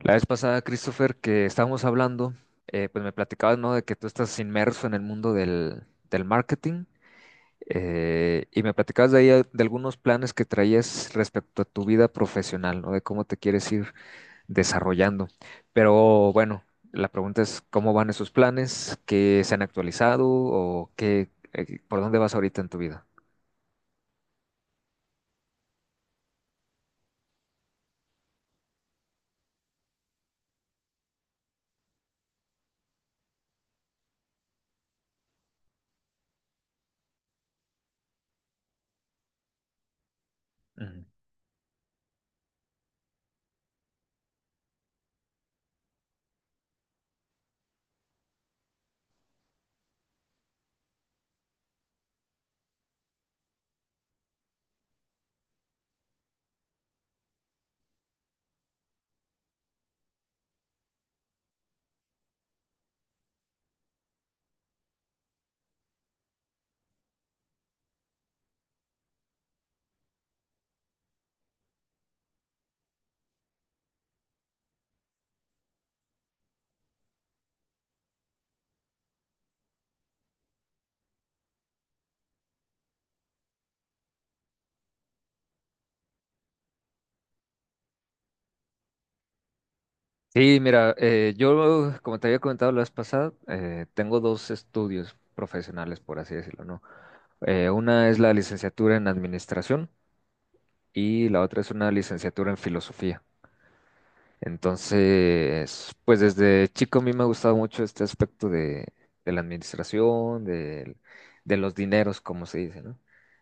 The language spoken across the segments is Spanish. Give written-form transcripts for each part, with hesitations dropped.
La vez pasada, Christopher, que estábamos hablando, pues me platicabas, ¿no? De que tú estás inmerso en el mundo del marketing. Y me platicabas de ahí de algunos planes que traías respecto a tu vida profesional, ¿no? De cómo te quieres ir desarrollando. Pero bueno, la pregunta es, ¿cómo van esos planes? ¿Qué se han actualizado o qué, por dónde vas ahorita en tu vida? Ujú. Sí, mira, yo, como te había comentado la vez pasada, tengo dos estudios profesionales, por así decirlo, ¿no? Una es la licenciatura en administración y la otra es una licenciatura en filosofía. Entonces, pues desde chico a mí me ha gustado mucho este aspecto de la administración, de, los dineros, como se dice, ¿no?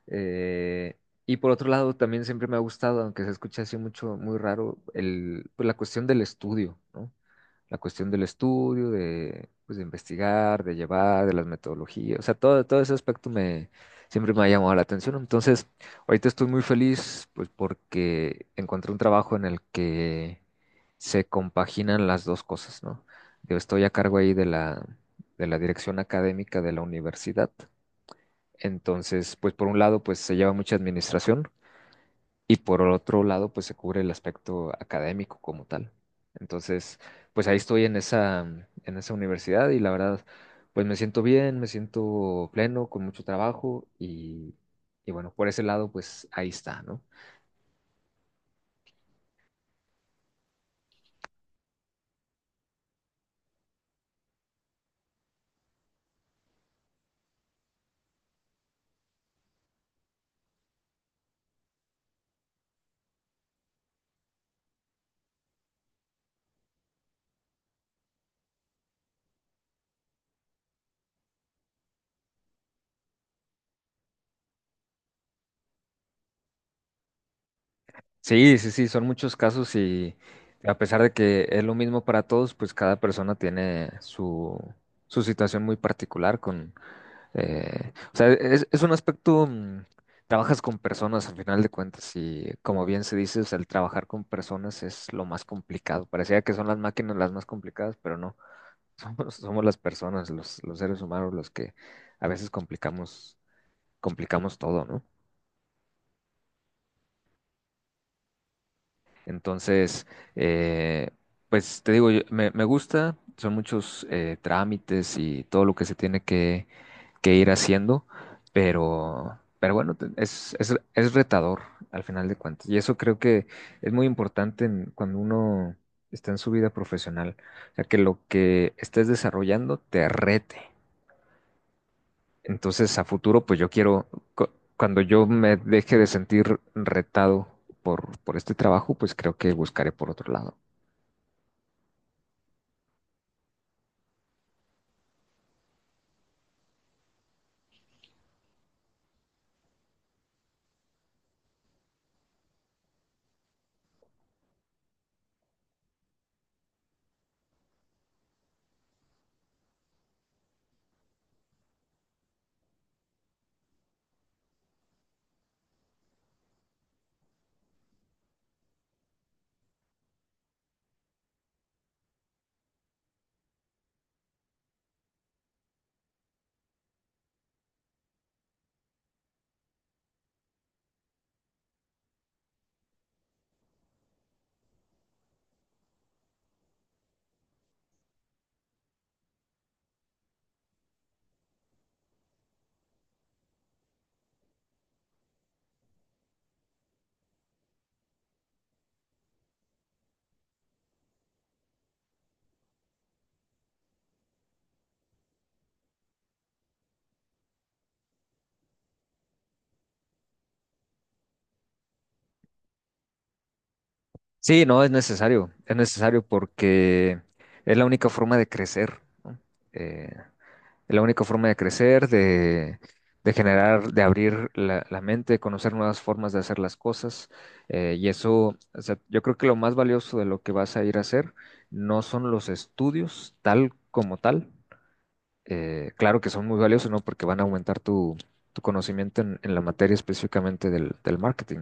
Eh, y por otro lado, también siempre me ha gustado, aunque se escucha así mucho, muy raro, el, pues la cuestión del estudio, ¿no? La cuestión del estudio, de, pues, de investigar, de llevar, de las metodologías, o sea, todo ese aspecto me, siempre me ha llamado la atención. Entonces, ahorita estoy muy feliz, pues, porque encontré un trabajo en el que se compaginan las dos cosas, ¿no? Yo estoy a cargo ahí de de la dirección académica de la universidad. Entonces, pues por un lado, pues se lleva mucha administración, y por otro lado, pues se cubre el aspecto académico como tal. Entonces, pues ahí estoy en esa, en esa universidad y la verdad, pues me siento bien, me siento pleno, con mucho trabajo y bueno, por ese lado, pues ahí está, ¿no? Sí, sí, sí, son muchos casos y a pesar de que es lo mismo para todos, pues cada persona tiene su, su situación muy particular con, o sea, es un aspecto, trabajas con personas al final de cuentas y como bien se dice, o sea, el trabajar con personas es lo más complicado. Parecía que son las máquinas las más complicadas, pero no, somos las personas, los seres humanos los que a veces complicamos, complicamos todo, ¿no? Entonces, eh, pues te digo, me gusta, son muchos trámites y todo lo que se tiene que ir haciendo, pero bueno, es retador al final de cuentas. Y eso creo que es muy importante cuando uno está en su vida profesional, o sea, que lo que estés desarrollando te rete. Entonces, a futuro, pues yo quiero, cu- cuando yo me deje de sentir retado por este trabajo, pues creo que buscaré por otro lado. Sí, no, es necesario porque es la única forma de crecer, ¿no? Eh, es la única forma de crecer, de generar, de abrir la, la mente, de conocer nuevas formas de hacer las cosas. Y eso, o sea, yo creo que lo más valioso de lo que vas a ir a hacer no son los estudios tal como tal. Claro que son muy valiosos, ¿no? Porque van a aumentar tu, tu conocimiento en la materia específicamente del, del marketing.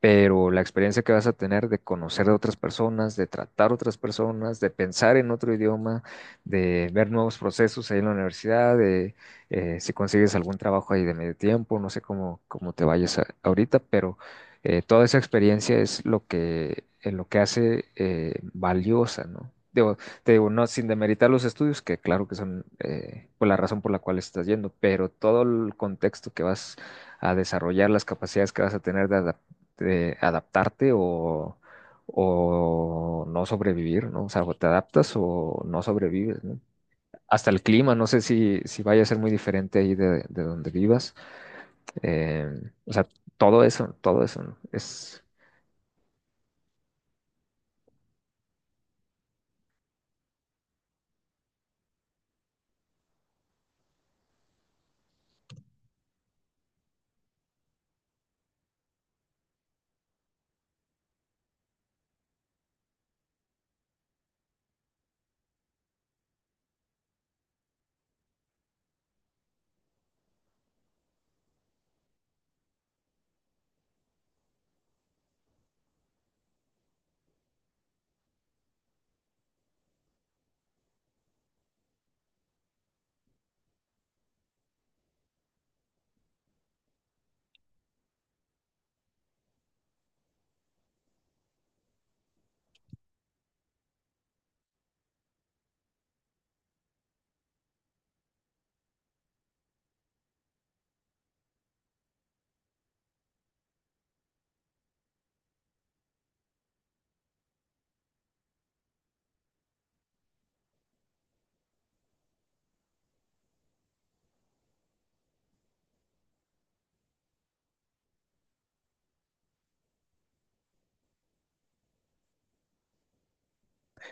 Pero la experiencia que vas a tener de conocer a otras personas, de tratar a otras personas, de pensar en otro idioma, de ver nuevos procesos ahí en la universidad, de si consigues algún trabajo ahí de medio tiempo, no sé cómo, ahorita, pero toda esa experiencia es lo que hace valiosa, ¿no? Digo, te digo, no, sin demeritar los estudios, que claro que son pues la razón por la cual estás yendo, pero todo el contexto que vas a desarrollar, las capacidades que vas a tener de adaptabilidad, adaptarte o no sobrevivir, ¿no? O sea, o te adaptas o no sobrevives, ¿no? Hasta el clima, no sé si, si vaya a ser muy diferente ahí de donde vivas. Eh, o sea, todo eso, ¿no? Es,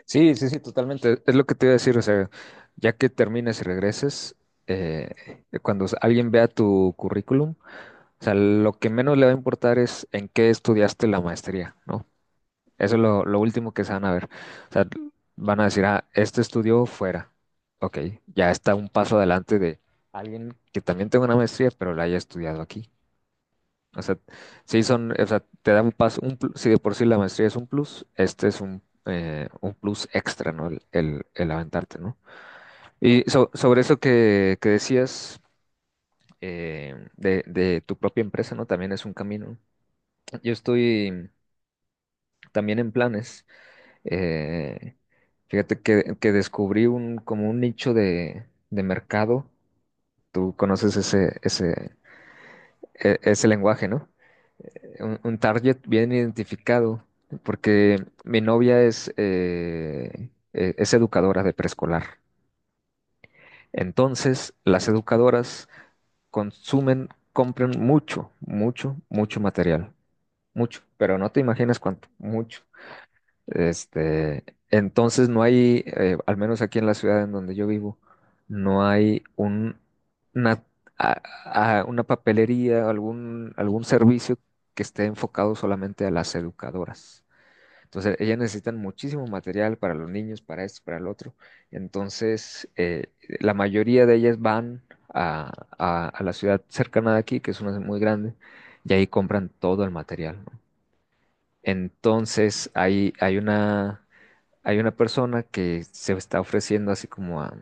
sí, sí, sí, totalmente. Es lo que te iba a decir, o sea, ya que termines y regreses, cuando alguien vea tu currículum, o sea, lo que menos le va a importar es en qué estudiaste la maestría, ¿no? Eso es lo último que se van a ver. O sea, van a decir, ah, este estudió fuera. Ok, ya está un paso adelante de alguien que también tenga una maestría, pero la haya estudiado aquí. O sea, sí son, o sea, te da un paso, un plus, si de por sí la maestría es un plus, este es un plus extra, ¿no? El aventarte, ¿no? Y sobre eso que decías de tu propia empresa, ¿no? También es un camino. Yo estoy también en planes. Eh, fíjate que descubrí un, como un nicho de mercado. Tú conoces ese, ese, ese lenguaje, ¿no? Un target bien identificado, porque mi novia es educadora de preescolar. Entonces, las educadoras consumen, compran mucho, mucho, mucho material. Mucho, pero no te imaginas cuánto, mucho. Este, entonces no hay, al menos aquí en la ciudad en donde yo vivo, no hay un, una, a- una papelería, algún, algún servicio que esté enfocado solamente a las educadoras. Entonces, ellas necesitan muchísimo material para los niños, para esto, para el otro. Entonces, la mayoría de ellas van a, a la ciudad cercana de aquí, que es una muy grande, y ahí compran todo el material, ¿no? Entonces, hay una persona que se está ofreciendo así como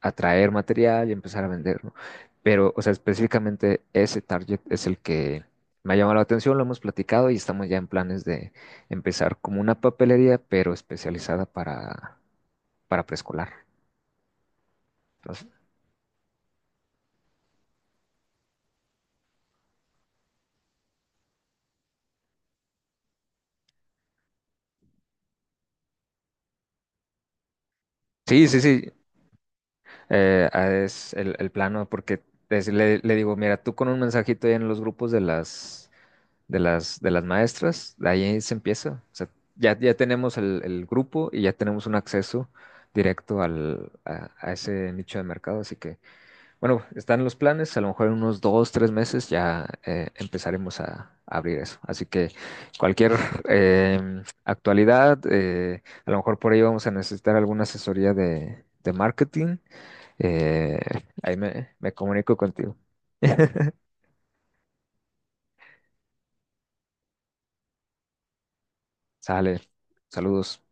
a traer material y empezar a venderlo. Pero, o sea, específicamente ese target es el que me ha llamado la atención, lo hemos platicado y estamos ya en planes de empezar como una papelería, pero especializada para preescolar. Entonces, sí, sí, sí, ah, es el plano porque le, le digo, mira, tú con un mensajito ahí en los grupos de las de las maestras, de ahí se empieza. O sea, ya, ya tenemos el grupo y ya tenemos un acceso directo al, a ese nicho de mercado. Así que, bueno, están los planes. A lo mejor en unos dos, tres meses ya empezaremos a abrir eso. Así que cualquier actualidad, a lo mejor por ahí vamos a necesitar alguna asesoría de marketing. Eh, ahí me, me comunico contigo. Sale. Saludos.